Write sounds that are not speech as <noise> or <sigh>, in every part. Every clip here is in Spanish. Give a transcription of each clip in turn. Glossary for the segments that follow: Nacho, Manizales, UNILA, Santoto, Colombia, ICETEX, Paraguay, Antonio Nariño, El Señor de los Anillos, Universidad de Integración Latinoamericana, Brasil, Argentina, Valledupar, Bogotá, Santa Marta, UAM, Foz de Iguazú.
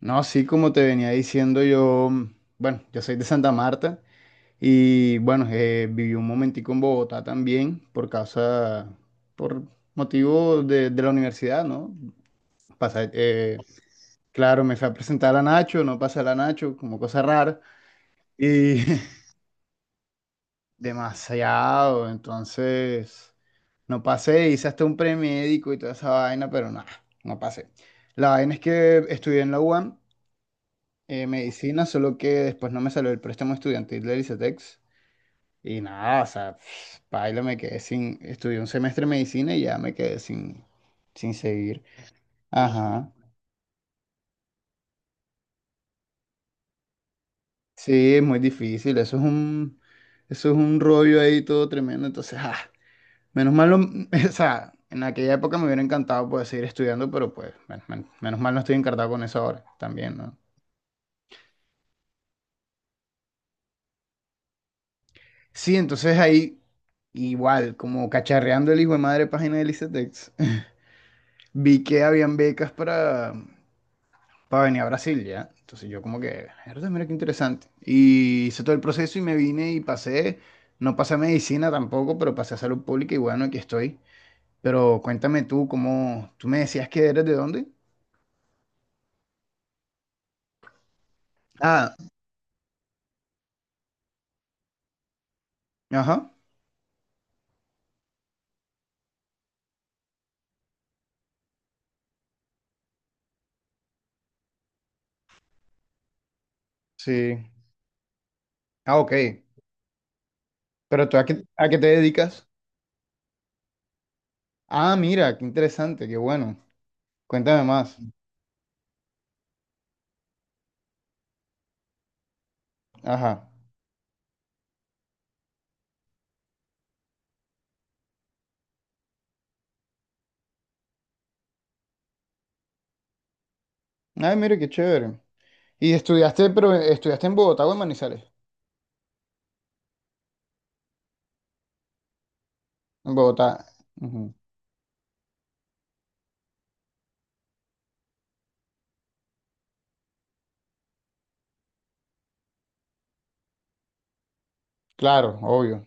No, sí, como te venía diciendo yo, bueno, yo soy de Santa Marta y bueno, viví un momentico en Bogotá también por motivo de la universidad, ¿no? Pasé, claro, me fui a presentar a Nacho, no pasé a la Nacho, como cosa rara y <laughs> demasiado, entonces no pasé, hice hasta un premédico y toda esa vaina, pero nada, no pasé. La vaina es que estudié en la UAM medicina, solo que después no me salió el préstamo estudiantil de ICETEX. Y nada, o sea, paila, me quedé sin. Estudié un semestre de medicina y ya me quedé sin seguir. Ajá. Sí, es muy difícil. Eso es un rollo ahí todo tremendo. Entonces, menos mal, <laughs> o sea, en aquella época me hubiera encantado poder seguir estudiando, pero pues, menos mal no estoy encartado con eso ahora también, ¿no? Sí, entonces ahí, igual, como cacharreando el hijo de madre página de ICETEX. Vi que habían becas para venir a Brasil, ¿ya? Entonces yo como que, "Mierda, mira qué interesante. Y hice todo el proceso y me vine y pasé, no pasé a medicina tampoco, pero pasé a salud pública y bueno, aquí estoy. Pero cuéntame tú, ¿cómo? ¿Tú me decías que eres de dónde? Ah, ajá, sí. Ah, ok. Pero tú ¿a qué te dedicas? Ah, mira, qué interesante, qué bueno. Cuéntame más. Ajá. Ay, mira, qué chévere. ¿Y pero estudiaste en Bogotá o en Manizales? En Bogotá. Ujú. Claro, obvio.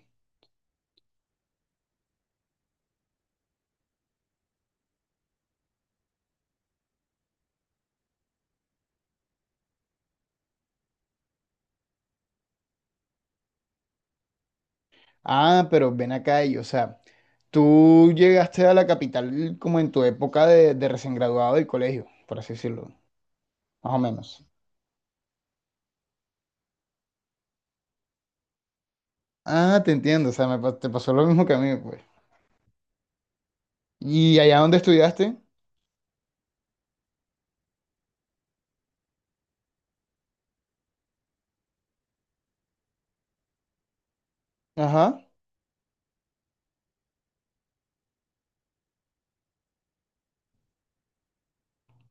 Ah, pero ven acá y, o sea, tú llegaste a la capital como en tu época de recién graduado del colegio, por así decirlo, más o menos. Ah, te entiendo, o sea, te pasó lo mismo que a mí, pues. ¿Y allá donde estudiaste? Ajá,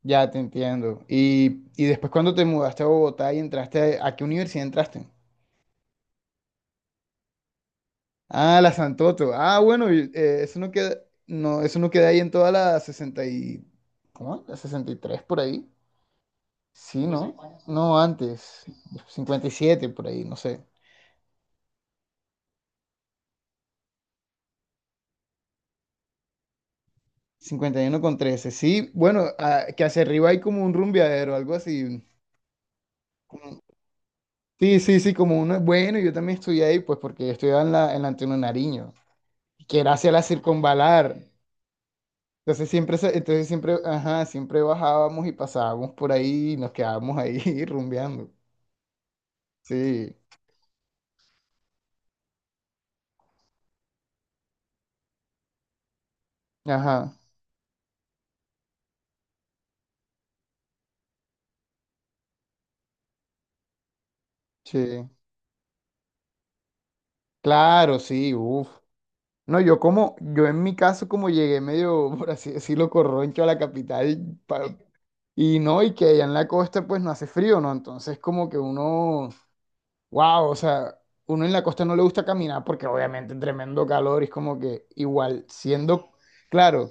ya te entiendo. ¿Y después cuando te mudaste a Bogotá y entraste, a qué universidad entraste? Ah, la Santoto. Ah, bueno, y, eso no queda, no, eso no queda ahí en toda la 60 y, ¿cómo? La 63 por ahí. Sí, ¿no? No, antes, 57 por ahí, no sé. 51 con 13, sí. Bueno, que hacia arriba hay como un rumbeadero, algo así. como- Sí, sí, sí, como uno. Bueno, yo también estudié ahí, pues porque yo estudiaba en la Antonio Nariño, que era hacia la circunvalar. Entonces siempre, ajá, siempre bajábamos y pasábamos por ahí y nos quedábamos ahí <laughs> rumbeando. Sí, ajá, sí. Claro, sí, uff. No, yo como, yo en mi caso como llegué medio, <laughs> por así decirlo, corroncho a la capital pa- y no, y que allá en la costa pues no hace frío, ¿no? Entonces como que uno, wow, o sea, uno en la costa no le gusta caminar porque obviamente tremendo calor y es como que igual siendo, claro,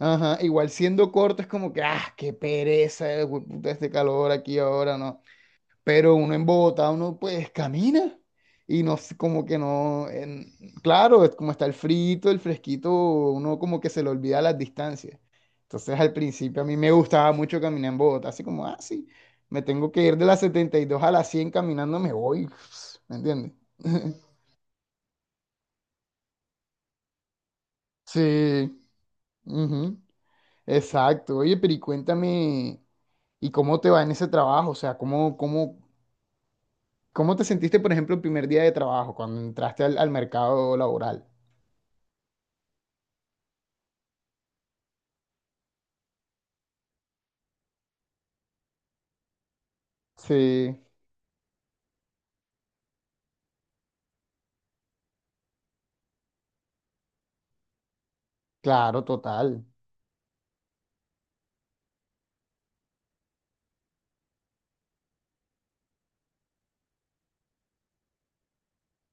ajá, igual siendo corto es como que, qué pereza, güey, puta, este calor aquí ahora, ¿no? Pero uno en Bogotá, uno pues camina y no, como que no, claro, es como está el frito, el fresquito, uno como que se le olvida las distancias. Entonces al principio a mí me gustaba mucho caminar en Bogotá, así como, sí, me tengo que ir de la 72 a la 100 caminando, me voy, <laughs> ¿me entiendes? <laughs> Sí, ujú, exacto. Oye, pero y cuéntame, ¿y cómo te va en ese trabajo? O sea, ¿cómo te sentiste, por ejemplo, el primer día de trabajo, cuando entraste al mercado laboral? Sí, claro, total.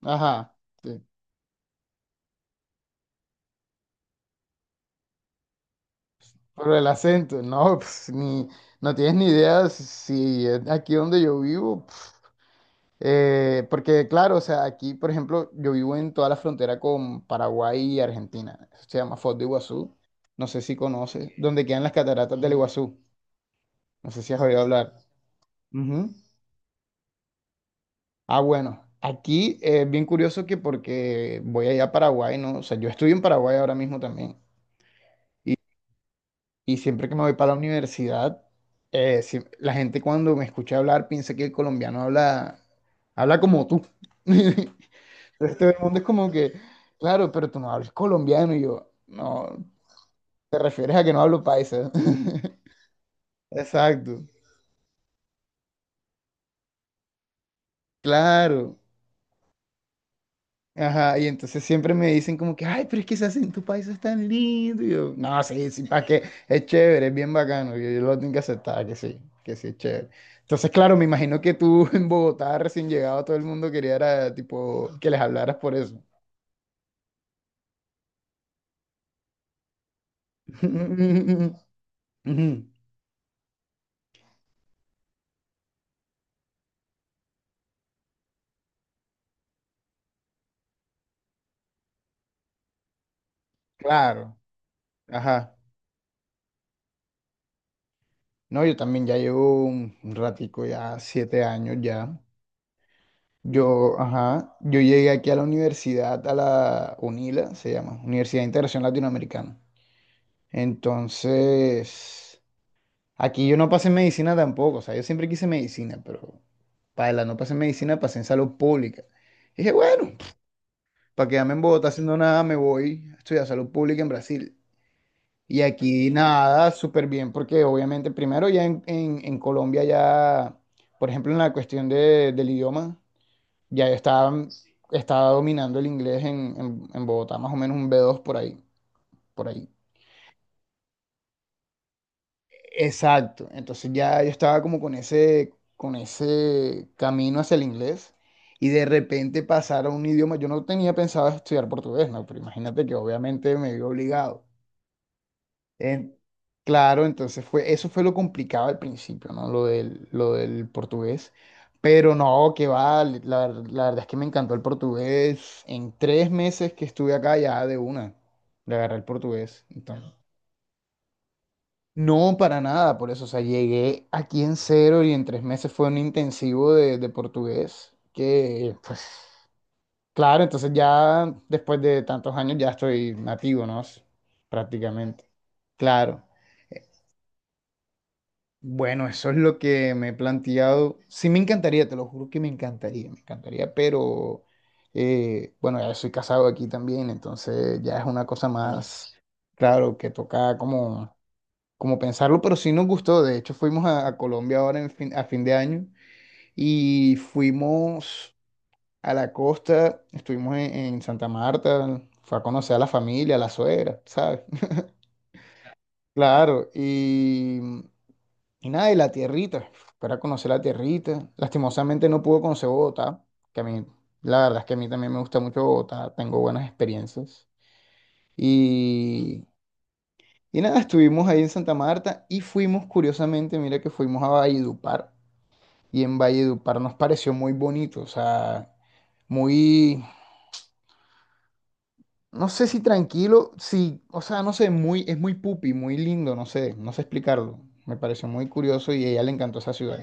Ajá. Sí. Pero el acento, no, <laughs> pues, ni, no tienes ni idea si es aquí donde yo vivo. Porque, claro, o sea, aquí, por ejemplo, yo vivo en toda la frontera con Paraguay y Argentina. Eso se llama Foz de Iguazú. No sé si conoces, donde quedan las cataratas del Iguazú. No sé si has oído hablar. Ujú. Ah, bueno, aquí es bien curioso que porque voy allá a Paraguay, ¿no? O sea, yo estoy en Paraguay ahora mismo también. Y siempre que me voy para la universidad, la gente cuando me escucha hablar piensa que el colombiano habla, como tú. <laughs> Entonces todo el mundo es como que, claro, pero tú no hablas colombiano. Y yo, no, te refieres a que no hablo paisa. <laughs> Exacto, claro. Ajá, y entonces siempre me dicen como que, ay, pero es que se hace en tu país es tan lindo. Y yo, no, sí, sí, para qué, es chévere, es bien bacano. Y yo lo tengo que aceptar, que sí es chévere. Entonces, claro, me imagino que tú <laughs> en Bogotá recién llegado, todo el mundo quería era, tipo, que les hablaras por eso. <laughs> Ujú, claro, ajá. No, yo también ya llevo un ratico, ya 7 años ya. Yo, ajá, yo llegué aquí a la universidad, a la UNILA, se llama, Universidad de Integración Latinoamericana. Entonces, aquí yo no pasé en medicina tampoco, o sea, yo siempre quise medicina, pero para la no pasé en medicina, pasé en salud pública. Y dije, bueno, para quedarme en Bogotá haciendo nada, me voy a estudiar salud pública en Brasil. Y aquí nada, súper bien, porque obviamente primero ya en Colombia ya, por ejemplo, en la cuestión del idioma, ya yo estaba dominando el inglés en Bogotá, más o menos un B2 por ahí, por ahí. Exacto. Entonces ya yo estaba como con ese camino hacia el inglés y de repente pasar a un idioma. Yo no tenía pensado estudiar portugués, ¿no? Pero imagínate que obviamente me vi obligado. En- claro, entonces eso fue lo complicado al principio, ¿no? Lo del portugués. Pero no, que va, la verdad es que me encantó el portugués. En 3 meses que estuve acá ya de una, le agarré el portugués. Entonces, no, para nada, por eso, o sea, llegué aquí en cero y en 3 meses fue un intensivo de portugués, que pues claro, entonces ya después de tantos años ya estoy nativo, ¿no? Prácticamente. Claro. Eh, Bueno, eso es lo que me he planteado. Sí, me encantaría, te lo juro que me encantaría, pero bueno, ya soy casado aquí también, entonces ya es una cosa más, claro, que toca como pensarlo, pero sí nos gustó. De hecho, fuimos a Colombia ahora a fin de año y fuimos a la costa, estuvimos en Santa Marta, fue a conocer a la familia, a la suegra, ¿sabes? <laughs> Claro, y nada, y la tierrita, para conocer la tierrita. Lastimosamente no pude conocer Bogotá, que a mí, la verdad es que a mí también me gusta mucho Bogotá, tengo buenas experiencias. Y, y nada, estuvimos ahí en Santa Marta y fuimos, curiosamente, mira que fuimos a Valledupar y en Valledupar nos pareció muy bonito, o sea, muy, no sé si tranquilo, sí, o sea, no sé, muy, es muy pupi, muy lindo, no sé, no sé explicarlo. Me pareció muy curioso y a ella le encantó esa ciudad.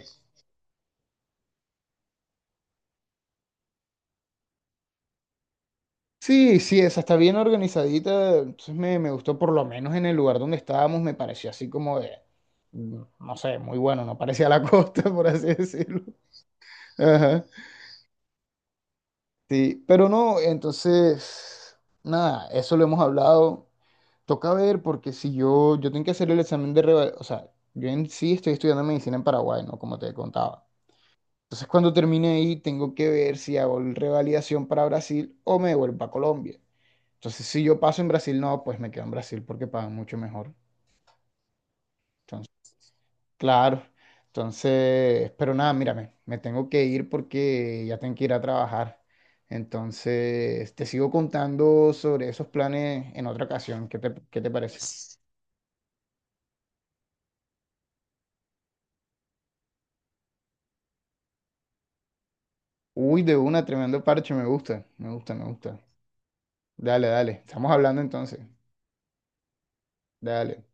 Sí, sí, esa está bien organizadita, entonces me gustó por lo menos en el lugar donde estábamos, me pareció así como no sé, muy bueno, no parecía la costa, <laughs> por así decirlo. Ajá. Sí, pero no, entonces, nada, eso lo hemos hablado. Toca ver porque si yo tengo que hacer el examen o sea, yo en sí estoy estudiando medicina en Paraguay, ¿no? Como te contaba. Entonces cuando termine ahí tengo que ver si hago el revalidación para Brasil o me vuelvo a Colombia. Entonces si yo paso en Brasil, no, pues me quedo en Brasil porque pagan mucho mejor. Entonces, claro. Entonces, pero nada, mírame, me tengo que ir porque ya tengo que ir a trabajar. Entonces, te sigo contando sobre esos planes en otra ocasión. ¿Qué te parece? Uy, de una, tremendo parche, me gusta, me gusta, me gusta. Dale, dale, estamos hablando entonces. Dale.